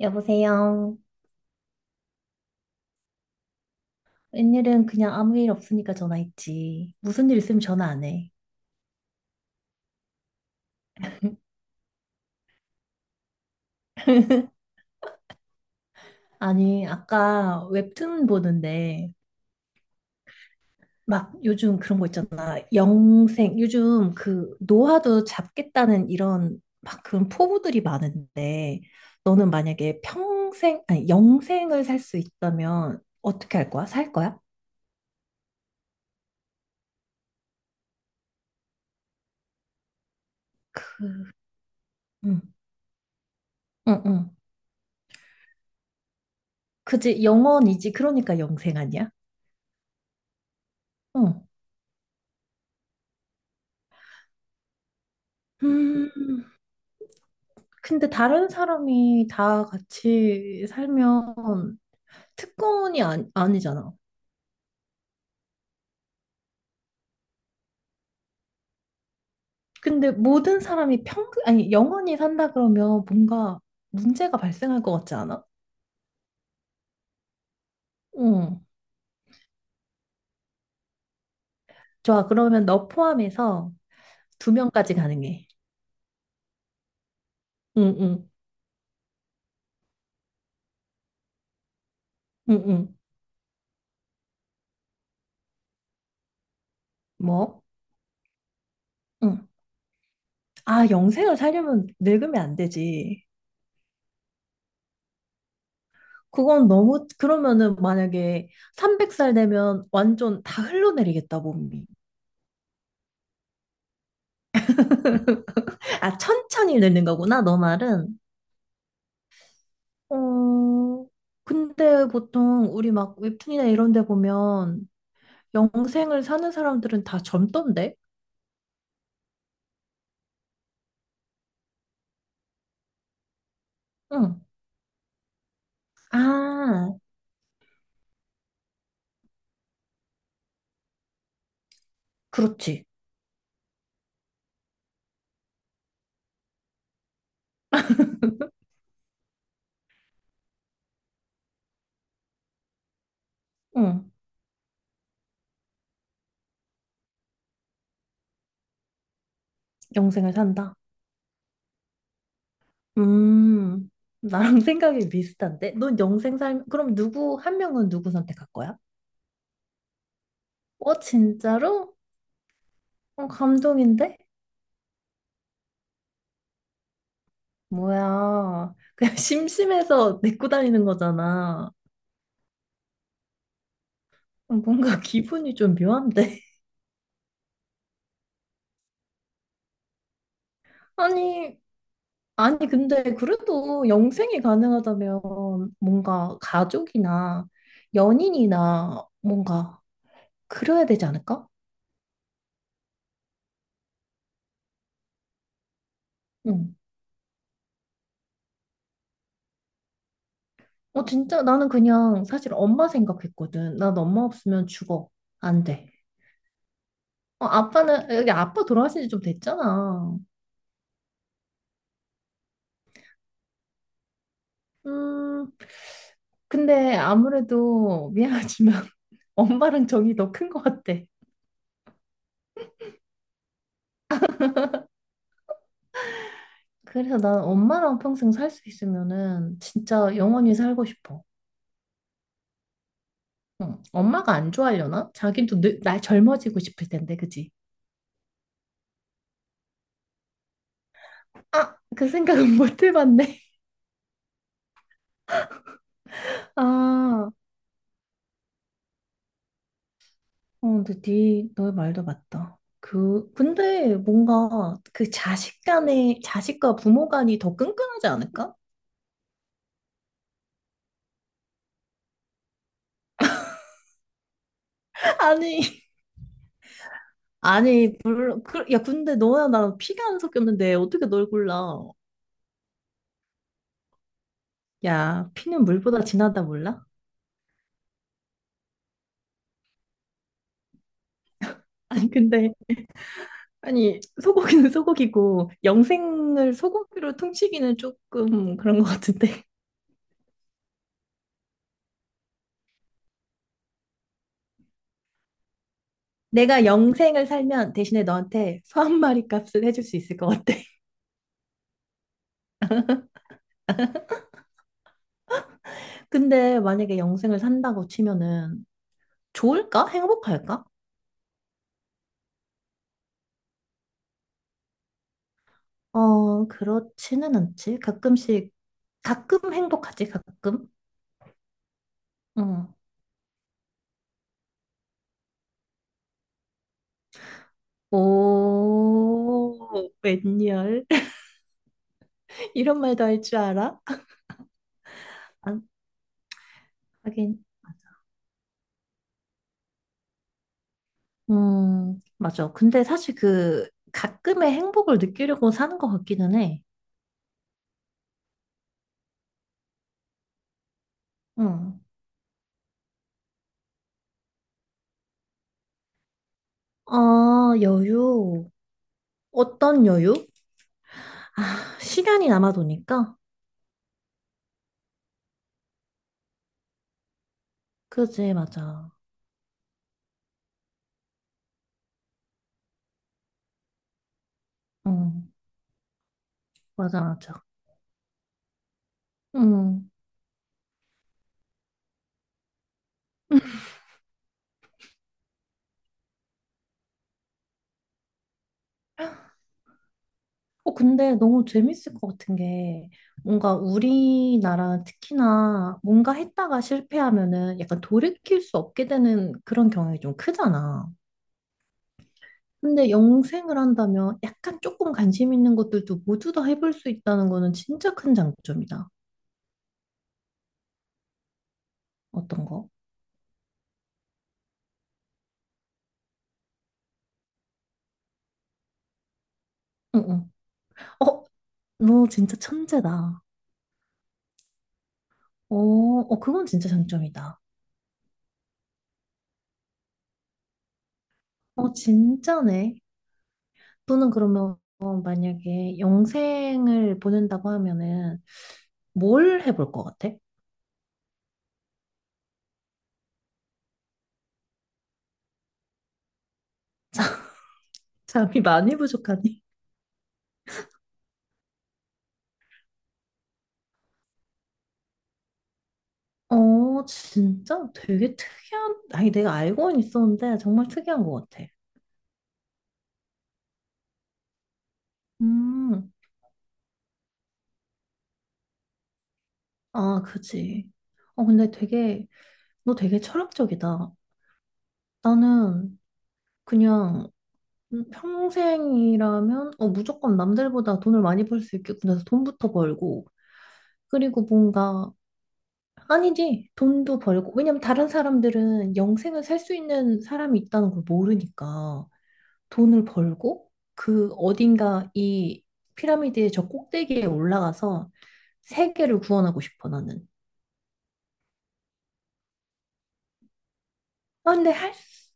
여보세요. 웬일은 그냥 아무 일 없으니까 전화했지. 무슨 일 있으면 전화 안 해. 아니, 아까 웹툰 보는데, 막 요즘 그런 거 있잖아. 영생, 요즘 그 노화도 잡겠다는 이런 막 그런 포부들이 많은데, 너는 만약에 평생, 아니, 영생을 살 수 있다면 어떻게 할 거야? 살 거야? 그, 응, 응, 응. 그지, 영원이지. 그러니까 영생 아니야? 응. 음. 근데 다른 사람이 다 같이 살면 특권이 아니, 아니잖아. 근데 모든 사람이 평, 아니, 영원히 산다 그러면 뭔가 문제가 발생할 것 같지 않아? 응. 좋아. 그러면 너 포함해서 두 명까지 가능해. 응, 응, 응, 응. 뭐? 응. 아, 영생을 살려면 늙으면 안 되지. 그건 너무, 그러면은 만약에 300살 되면 완전 다 흘러내리겠다, 몸이. 아, 천천히 늙는 거구나, 너 말은. 어, 근데 보통 우리 막 웹툰이나 이런 데 보면 영생을 사는 사람들은 다 젊던데? 응. 아, 그렇지. 응. 영생을 산다. 음, 나랑 생각이 비슷한데? 넌 영생 살, 그럼 누구, 한 명은 누구 선택할 거야? 어, 진짜로? 어, 감동인데? 뭐야. 그냥 심심해서 내고 다니는 거잖아. 어, 뭔가 기분이 좀 묘한데? 아니, 아니, 근데 그래도 영생이 가능하다면 뭔가 가족이나 연인이나 뭔가 그래야 되지 않을까? 응. 어, 진짜 나는 그냥 사실 엄마 생각했거든. 난 엄마 없으면 죽어. 안 돼. 어, 아빠는, 여기 아빠 돌아가신 지 좀 됐잖아. 음, 근데 아무래도 미안하지만 엄마랑 정이 더 큰 것 같아. 그래서 난 엄마랑 평생 살 수 있으면은 진짜 영원히 살고 싶어. 응. 엄마가 안 좋아하려나? 자기도 늙, 나 젊어지고 싶을 텐데, 그지? 아, 그 생각은 못 해봤네. 아, 어, 근데 네, 너의 말도 맞다. 그, 근데 뭔가 그 자식 간의, 자식과 부모 간이 더 끈끈하지 않을까? 아니, 아니, 물론, 그, 야, 근데 너야 나랑 피가 안 섞였는데 어떻게 널 골라? 야, 피는 물보다 진하다 몰라? 아니, 근데, 아니, 소고기는 소고기고, 영생을 소고기로 퉁치기는 조금 그런 것 같은데. 내가 영생을 살면 대신에 너한테 소 한 마리 값을 해줄 수 있을 것 같아. 근데 만약에 영생을 산다고 치면은 좋을까? 행복할까? 어, 그렇지는 않지. 가끔씩, 가끔 행복하지, 가끔. 응. 오, 웬열. 이런 말도 할 줄 알아? 아, 하긴. 맞아. 근데 사실 그 가끔의 행복을 느끼려고 사는 것 같기는 해. 응. 아, 여유. 어떤 여유? 아, 시간이 남아도니까? 그지, 맞아. 어, 맞아, 맞아. 음. 어, 근데 너무 재밌을 것 같은 게, 뭔가 우리나라 특히나 뭔가 했다가 실패하면은 약간 돌이킬 수 없게 되는 그런 경향이 좀 크잖아. 근데 영생을 한다면 약간 조금 관심 있는 것들도 모두 다 해볼 수 있다는 거는 진짜 큰 장점이다. 어떤 거? 응, 응. 어, 너 진짜 천재다. 어, 어, 그건 진짜 장점이다. 어, 진짜네. 또는 그러면 만약에 영생을 보낸다고 하면은 뭘 해볼 것 같아? 잠이 많이 부족하니? 어, 진짜 되게 특이한, 아니, 내가 알고는 있었는데 정말 특이한 것 같아. 음, 아, 그지. 어, 근데 되게, 너 되게 철학적이다. 나는 그냥 평생이라면, 어, 무조건 남들보다 돈을 많이 벌 수 있겠구나 해서 돈부터 벌고, 그리고 뭔가 아니지. 돈도 벌고. 왜냐면 다른 사람들은 영생을 살 수 있는 사람이 있다는 걸 모르니까 돈을 벌고 그 어딘가 이 피라미드의 저 꼭대기에 올라가서 세계를 구원하고 싶어 나는. 아 근데 할 수...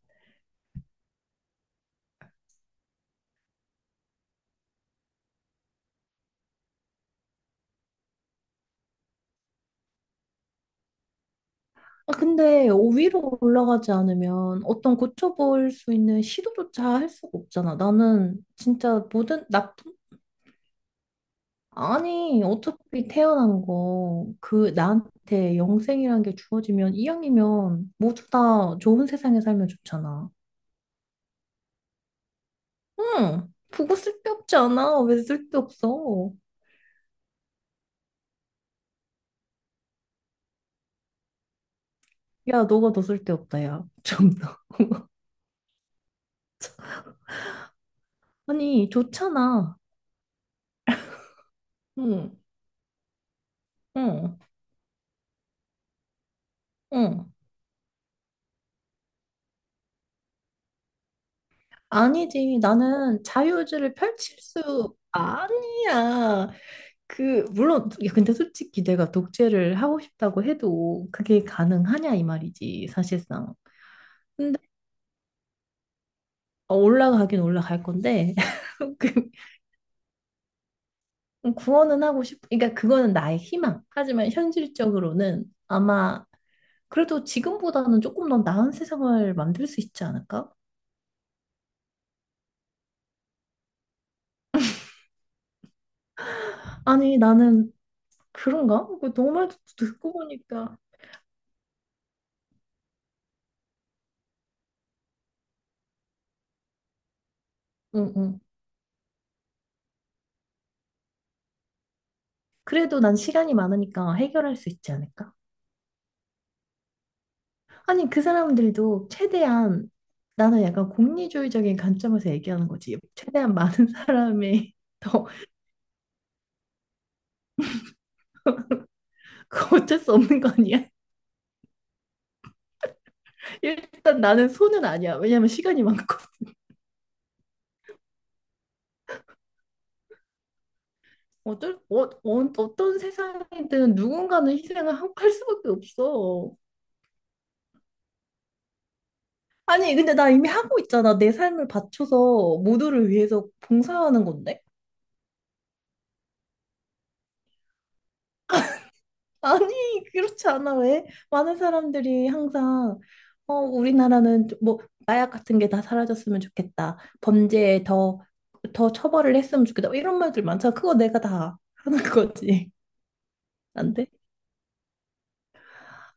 아 근데 위로 올라가지 않으면 어떤 고쳐볼 수 있는 시도조차 할 수가 없잖아. 나는 진짜 모든 나쁜 아니, 어차피 태어난 거, 그, 나한테 영생이란 게 주어지면, 이왕이면, 모두 다 좋은 세상에 살면 좋잖아. 응, 그거 쓸데없지 않아. 왜 쓸데없어? 야, 너가 더 쓸데없다, 야. 좀 더. 아니, 좋잖아. 응, 응, 응. 아니지, 나는 자유의지를 펼칠 수, 아니야. 그, 물론, 야, 근데 솔직히 내가 독재를 하고 싶다고 해도 그게 가능하냐, 이 말이지, 사실상. 어, 올라가긴 올라갈 건데 그 구원은 하고 싶. 그러니까 그거는 나의 희망. 하지만 현실적으로는 아마 그래도 지금보다는 조금 더 나은 세상을 만들 수 있지 않을까? 아니 나는 그런가? 그 너말 듣고 보니까. 응, 응. 그래도 난 시간이 많으니까 해결할 수 있지 않을까? 아니 그 사람들도 최대한 나는 약간 공리주의적인 관점에서 얘기하는 거지. 최대한 많은 사람의 더 그 어쩔 수 없는 거 아니야? 일단 나는 손은 아니야. 왜냐면 시간이 많고. 어, 어, 어떤 세상이든 누군가는 할 수밖에 없어. 아니, 근데 나 이미 하고 있잖아. 내 삶을 바쳐서 모두를 위해서 봉사하는 건데? 아니, 그렇지 않아. 왜? 많은 사람들이 항상, 어, 우리나라는 좀 뭐, 마약 같은 게 다 사라졌으면 좋겠다. 범죄에 더, 더 처벌을 했으면 좋겠다. 이런 말들 많잖아. 그거 내가 다 하는 거지. 안 돼?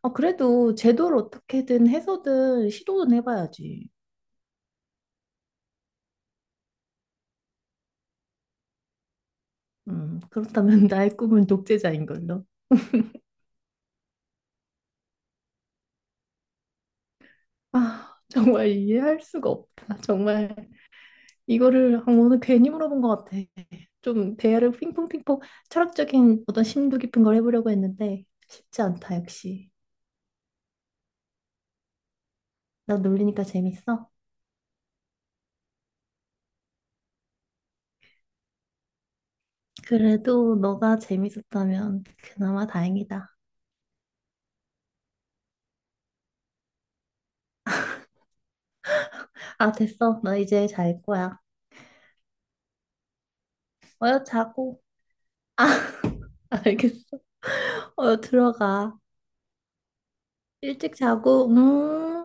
아, 그래도 제도를 어떻게든 해서든 시도는 해봐야지. 그렇다면 나의 꿈은 독재자인 걸로. 아, 정말 이해할 수가 없다. 정말 이거를 아, 오늘 괜히 물어본 것 같아. 좀 대화를 핑퐁핑퐁 철학적인 어떤 심도 깊은 걸 해보려고 했는데 쉽지 않다, 역시. 나 놀리니까 재밌어? 그래도 너가 재밌었다면 그나마 다행이다. 아, 됐어. 나 이제 잘 거야. 어여 자고. 알겠어. 어여 들어가. 일찍 자고,